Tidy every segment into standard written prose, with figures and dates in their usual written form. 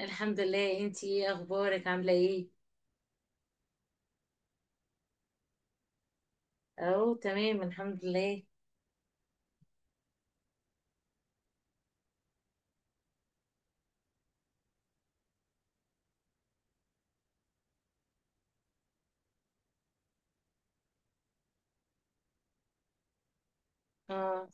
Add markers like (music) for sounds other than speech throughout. الحمد لله، انتي ايه اخبارك؟ عامله ايه؟ اهو تمام الحمد لله. اه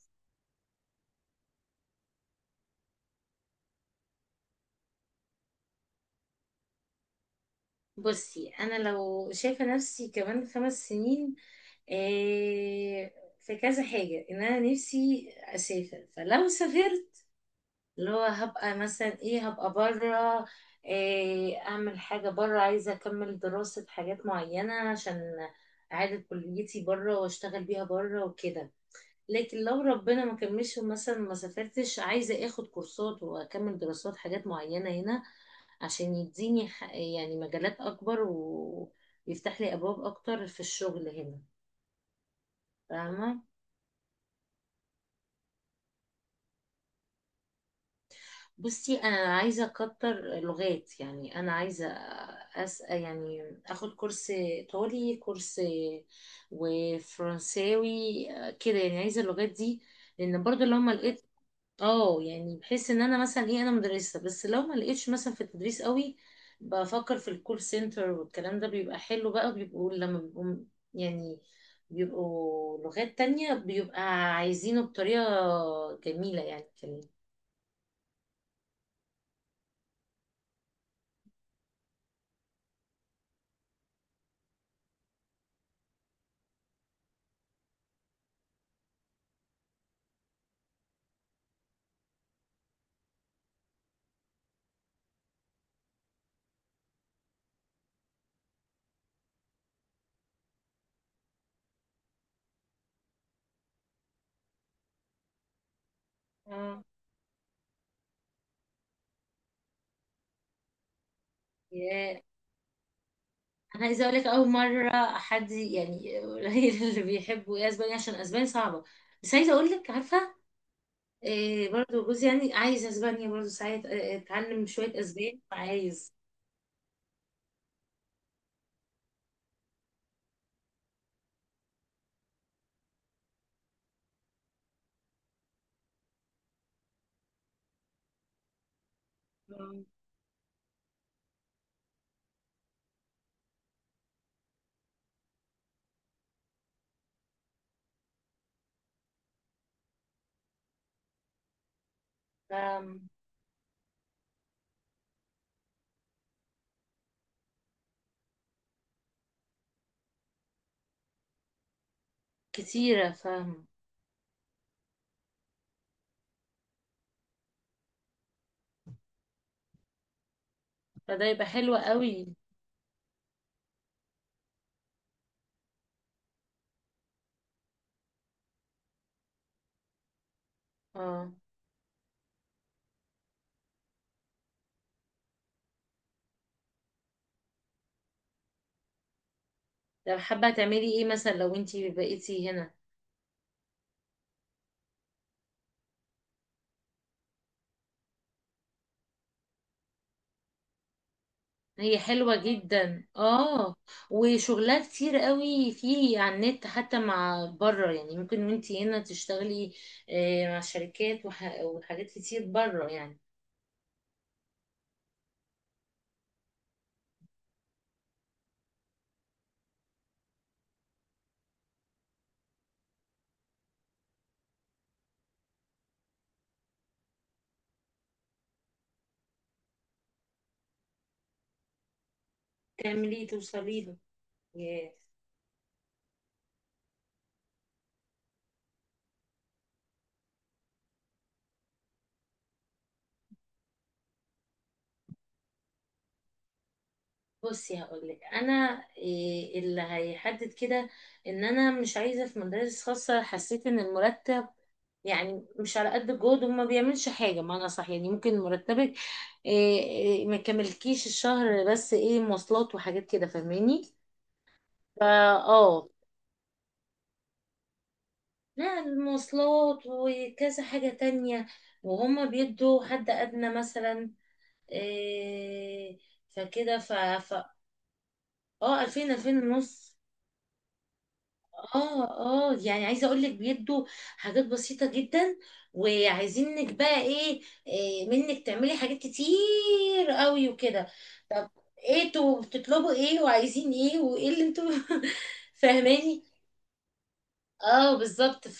بصي، انا لو شايفه نفسي كمان 5 سنين، إيه في كذا حاجه. ان انا نفسي اسافر، فلو سافرت اللي هو هبقى مثلا هبقى بره، اعمل حاجه بره. عايزه اكمل دراسه حاجات معينه، عشان اعاده كليتي بره واشتغل بيها بره وكده. لكن لو ربنا ما كملش مثلا، ما سافرتش، عايزة اخد كورسات واكمل دراسات حاجات معينة هنا، عشان يديني يعني مجالات اكبر ويفتح لي ابواب اكتر في الشغل هنا. فاهمة؟ بصي، انا عايزة اكتر لغات. يعني انا عايزة يعني اخد كورس ايطالي، كورس وفرنساوي. كده يعني عايزة اللغات دي، لان برضو لو ما لقيت. اه يعني بحس ان انا مثلا انا مدرسة. بس لو ما لقيتش مثلا في التدريس قوي، بفكر في الكول سنتر والكلام ده، بيبقى حلو بقى. بيبقوا لما بيبقوا يعني بيبقوا لغات تانية، بيبقى عايزينه بطريقة جميلة، يعني كلام. اه، ياه. انا عايزه اقول لك، اول مره حد يعني قليل (laughs) اللي بيحبوا اسبانيا، عشان اسبانيا صعبه. بس عايزه اقول لك، عارفه برضو جوزي يعني عايز اسبانيا؟ برضو ساعات اتعلم شويه اسباني، عايز. آه. فاهم. كتيرة، فاهم. فده يبقى حلو قوي. اه، طب حابة تعملي ايه مثلا لو انتي بقيتي هنا؟ هي حلوة جدا، اه. وشغلها كتير قوي فيه على النت، حتى مع بره يعني ممكن وانتي هنا تشتغلي مع شركات وحاجات كتير بره يعني. تعملي توصلي له. ياه. بصي، هقولك انا اللي هيحدد كده. ان انا مش عايزه في مدارس خاصه. حسيت ان المرتب يعني مش على قد الجهد، وما بيعملش حاجة معنى صح. يعني ممكن مرتبك إيه إيه ما يكملكيش الشهر، بس ايه، مواصلات وحاجات كده. فاهماني؟ فا اه، لا المواصلات وكذا حاجة تانية. وهما بيدوا حد أدنى مثلا. إيه فكده. ف ف اه، 2000، 2000 ونص اه، اه يعني عايزه اقول لك، بيدوا حاجات بسيطه جدا، وعايزينك بقى ايه، منك تعملي حاجات كتير قوي وكده. طب ايه انتوا بتطلبوا ايه وعايزين ايه وايه اللي انتوا؟ (laughs) فاهماني؟ اه بالظبط.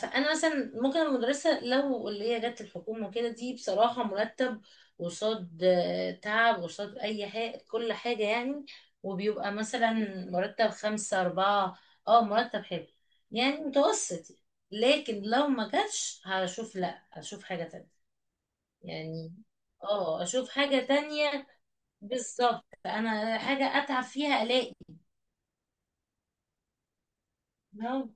فانا مثلا ممكن المدرسه لو اللي هي جت الحكومه كده، دي بصراحه مرتب قصاد تعب، قصاد اي حاجه كل حاجه يعني. وبيبقى مثلا مرتب 5، 4 اه، مرتب حلو، يعني متوسط. لكن لو ما جاتش، هشوف، لا هشوف حاجه تانية. يعني اه، اشوف حاجه تانية. بالظبط، انا حاجه اتعب فيها الاقي. لو اه،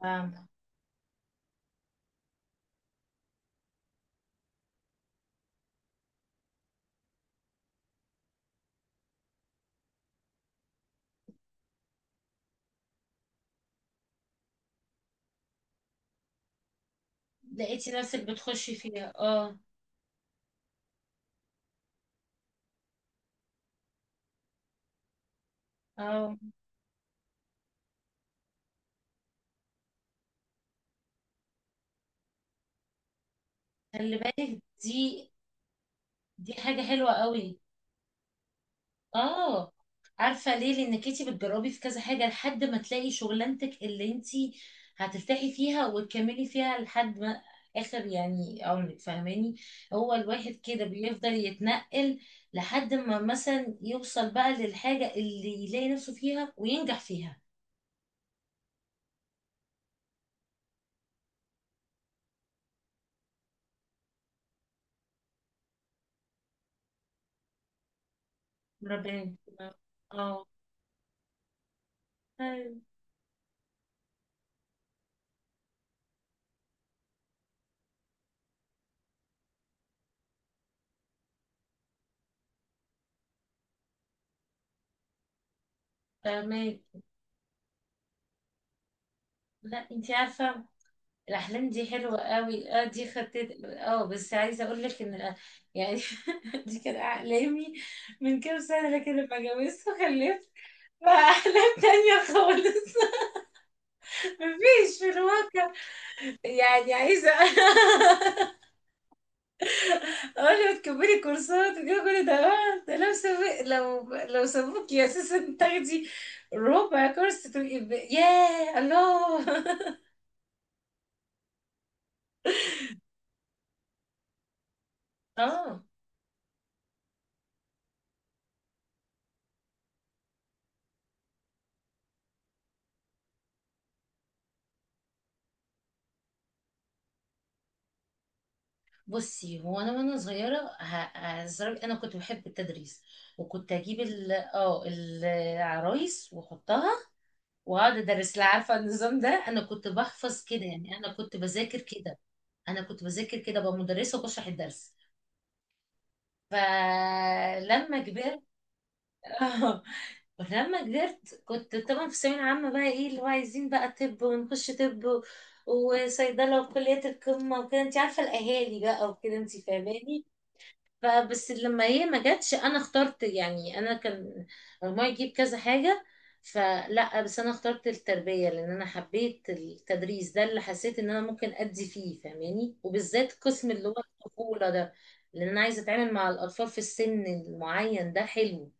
فاهمة. لقيتي نفسك بتخشي فيها، اه. اه، خلي بالك دي، دي حاجة حلوة قوي. اه، عارفة ليه؟ لانك انتي بتجربي في كذا حاجة لحد ما تلاقي شغلانتك اللي انتي هترتاحي فيها وتكملي فيها لحد ما اخر يعني عمرك، فاهماني؟ هو الواحد كده بيفضل يتنقل لحد ما مثلا يوصل بقى للحاجة اللي يلاقي نفسه فيها وينجح فيها. ربنا يكرمك. اه. أيوة. فاهمك. لا، انتي عارفة الأحلام دي حلوة قوي، اه، دي خطيت. اه، بس عايزة أقول لك إن يعني (laughs) دي كانت أحلامي من كام سنة، لكن لما جوزت وخلفت بقى أحلام تانية خالص. (laughs) مفيش في الواقع. يعني عايزة (laughs) أقول له تكملي كورسات وكده كل ده، ده لو سابق، لو سابوكي أساسا تاخدي ربع كورس، تبقي ياه الله. (laughs) اه، بصي، هو انا وانا صغيره هزرع، انا كنت بحب التدريس. وكنت اجيب ال اه العرايس واحطها واقعد ادرس لها. عارفه النظام ده؟ انا كنت بحفظ كده. يعني انا كنت بذاكر كده، انا كنت بذاكر كده بقى مدرسه وبشرح الدرس. فلما كبرت. (laughs) اه، ولما كبرت، كنت طبعا في الثانويه العامه. بقى ايه اللي هو عايزين بقى طب؟ ونخش طب وصيدله وكليه القمه وكده، انت عارفه الاهالي بقى وكده، انت فاهماني. فبس لما هي ما جاتش، انا اخترت يعني. انا كان مجموعي يجيب كذا حاجه، فلا بس انا اخترت التربيه. لان انا حبيت التدريس، ده اللي حسيت ان انا ممكن ادي فيه، فاهماني؟ وبالذات قسم اللي هو الطفوله ده، لان انا عايزه اتعامل مع الاطفال في السن المعين ده. حلو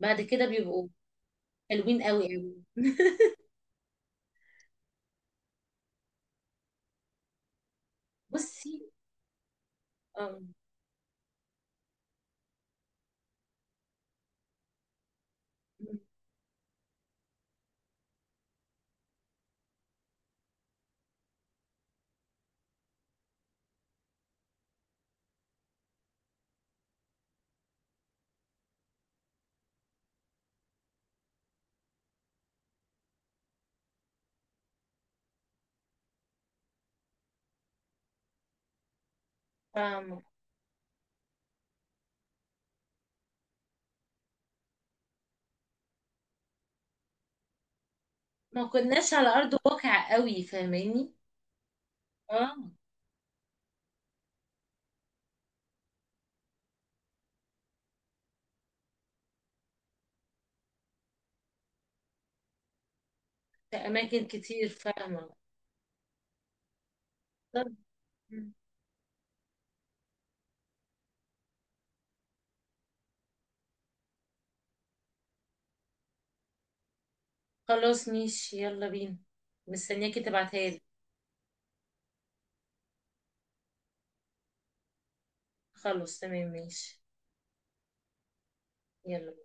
بعد كده، بيبقوا حلوين قوي قوي. (laughs) بصي، آم، فاهمة. ما كناش على ارض الواقع قوي، فاهماني. اه، في اماكن كتير، فاهمه. طب خلاص ماشي، يلا بينا. مستنياكي تبعتها لي. خلاص تمام، ماشي. يلا.